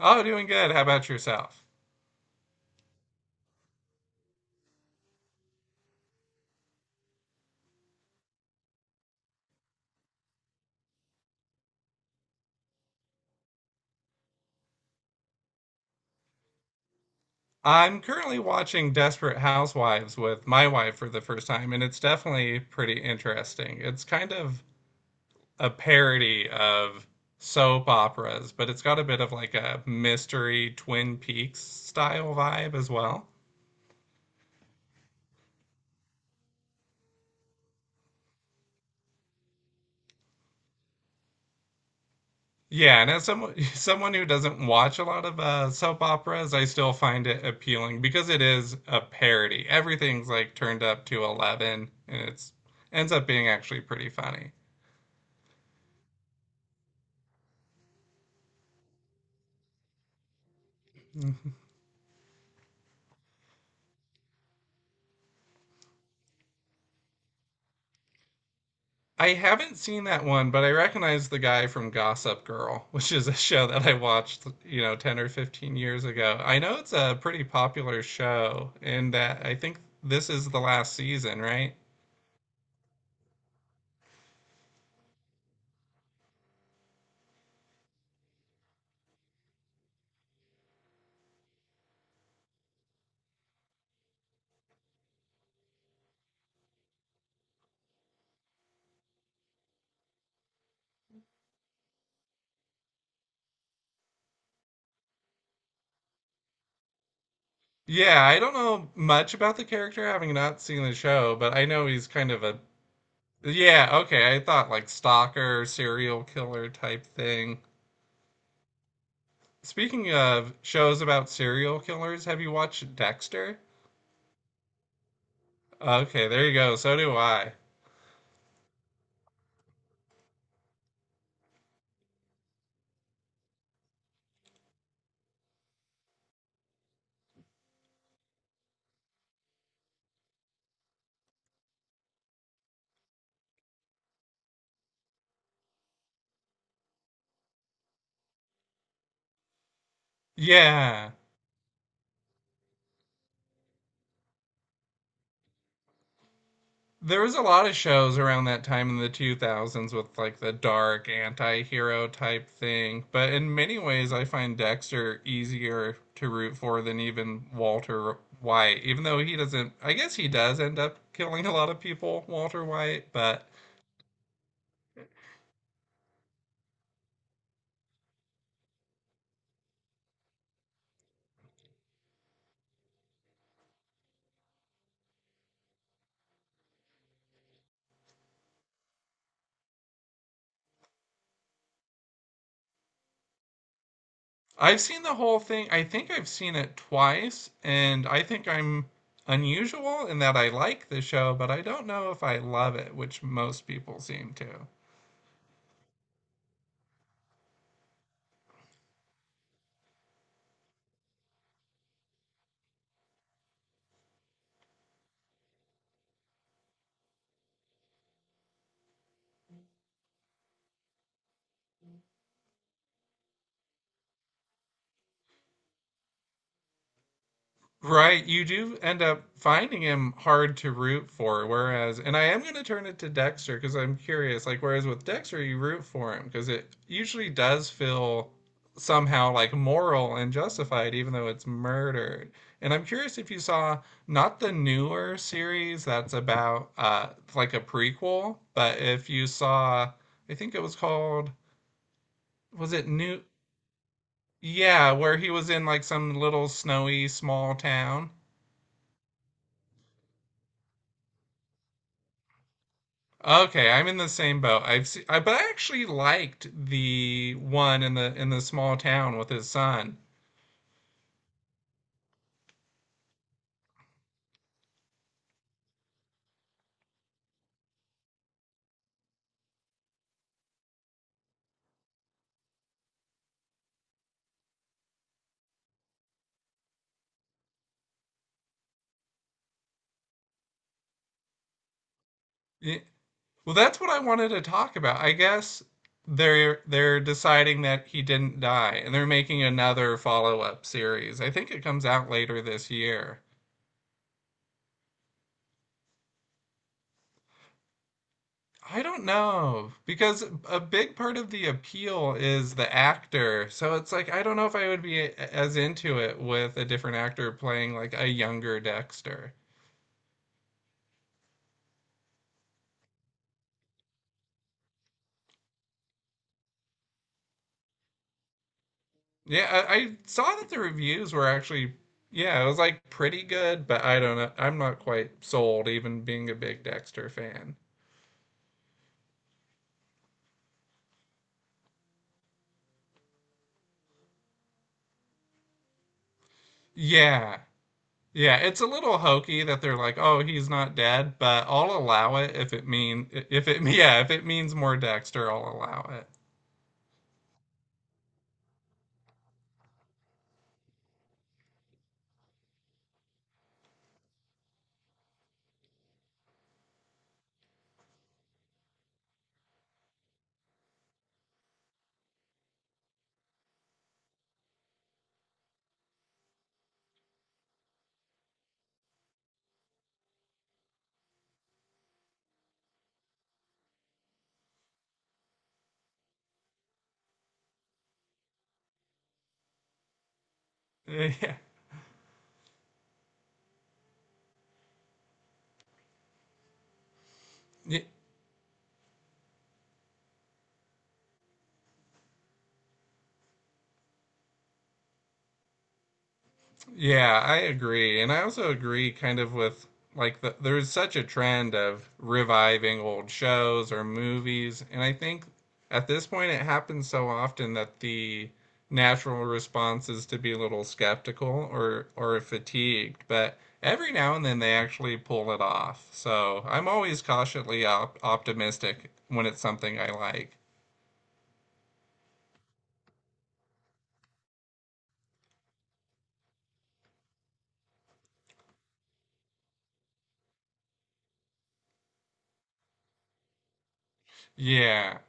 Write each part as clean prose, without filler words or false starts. Oh, doing good. How about yourself? I'm currently watching Desperate Housewives with my wife for the first time, and it's definitely pretty interesting. It's kind of a parody of soap operas, but it's got a bit of like a mystery Twin Peaks style vibe as well. Yeah, and as someone someone who doesn't watch a lot of soap operas, I still find it appealing because it is a parody. Everything's like turned up to 11, and it's ends up being actually pretty funny. I haven't seen that one, but I recognize the guy from Gossip Girl, which is a show that I watched, 10 or 15 years ago. I know it's a pretty popular show, and that I think this is the last season, right? Yeah, I don't know much about the character having not seen the show, but I know he's kind of a. Yeah, okay, I thought like stalker, serial killer type thing. Speaking of shows about serial killers, have you watched Dexter? Okay, there you go. So do I. Yeah. There was a lot of shows around that time in the 2000s with like the dark anti-hero type thing, but in many ways I find Dexter easier to root for than even Walter White, even though he doesn't, I guess he does end up killing a lot of people, Walter White, but I've seen the whole thing. I think I've seen it twice, and I think I'm unusual in that I like the show, but I don't know if I love it, which most people seem to. Right, you do end up finding him hard to root for, whereas, and I am going to turn it to Dexter because I'm curious. Like, whereas with Dexter, you root for him because it usually does feel somehow like moral and justified, even though it's murdered. And I'm curious if you saw not the newer series that's about like a prequel, but if you saw, I think it was called, was it New? Yeah, where he was in like some little snowy small town. Okay, I'm in the same boat. I, but I actually liked the one in the small town with his son. Y- Well, that's what I wanted to talk about. I guess they're deciding that he didn't die, and they're making another follow-up series. I think it comes out later this year. I don't know because a big part of the appeal is the actor. So it's like I don't know if I would be as into it with a different actor playing like a younger Dexter. Yeah, I saw that the reviews were actually, yeah, it was like pretty good, but I don't know. I'm not quite sold, even being a big Dexter fan. Yeah, yeah, it's a little hokey that they're like, oh, he's not dead, but I'll allow it if it mean if it yeah if it means more Dexter, I'll allow it. Yeah, yeah, yeah, I agree. And I also agree kind of with like the, there's such a trend of reviving old shows or movies, and I think at this point it happens so often that the natural response is to be a little skeptical or fatigued, but every now and then they actually pull it off. So, I'm always cautiously op optimistic when it's something I like. Yeah.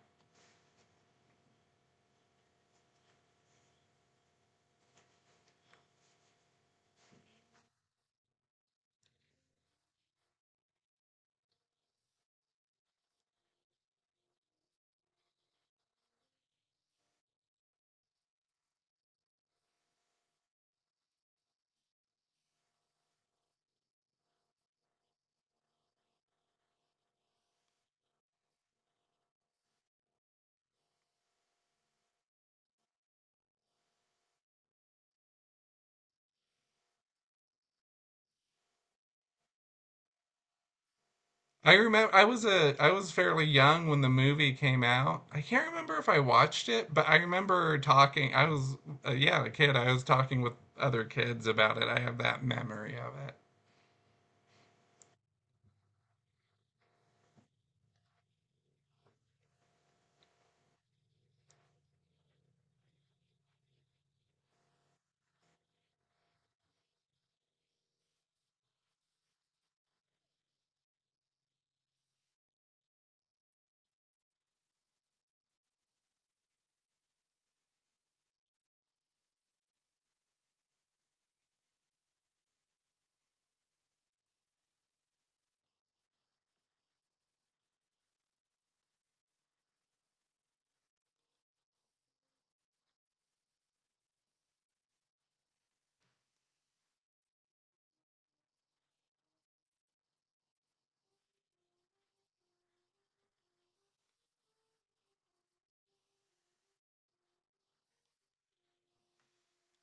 I remember I was fairly young when the movie came out. I can't remember if I watched it, but I remember talking. I was yeah, a kid. I was talking with other kids about it. I have that memory of it.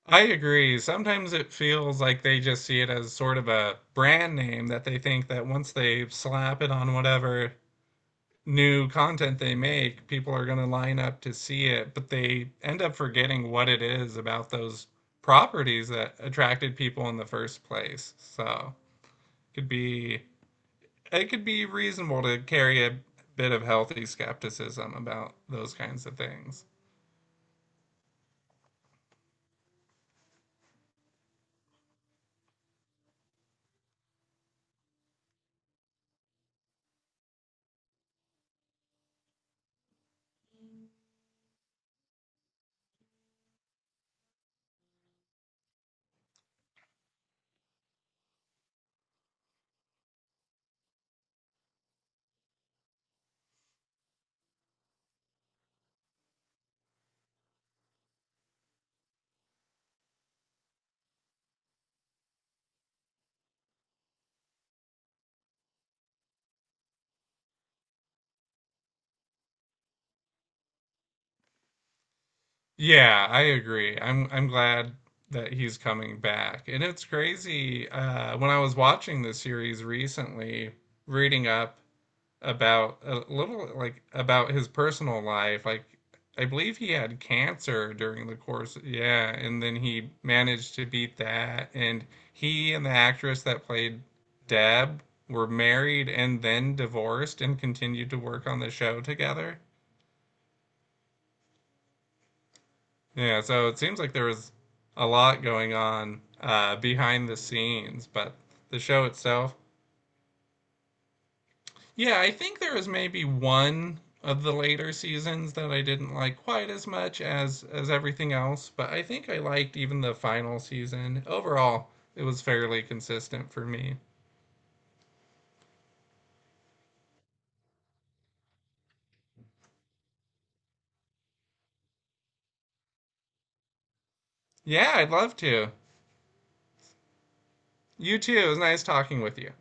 I agree. Sometimes it feels like they just see it as sort of a brand name that they think that once they slap it on whatever new content they make, people are going to line up to see it, but they end up forgetting what it is about those properties that attracted people in the first place. So it could be it could be reasonable to carry a bit of healthy skepticism about those kinds of things. Yeah, I agree. I'm glad that he's coming back. And it's crazy. When I was watching the series recently, reading up about a little like about his personal life. Like I believe he had cancer during the course. Yeah, and then he managed to beat that. And he and the actress that played Deb were married and then divorced and continued to work on the show together. Yeah, so it seems like there was a lot going on behind the scenes, but the show itself. Yeah, I think there was maybe one of the later seasons that I didn't like quite as much as everything else, but I think I liked even the final season. Overall, it was fairly consistent for me. Yeah, I'd love to. You too. It was nice talking with you.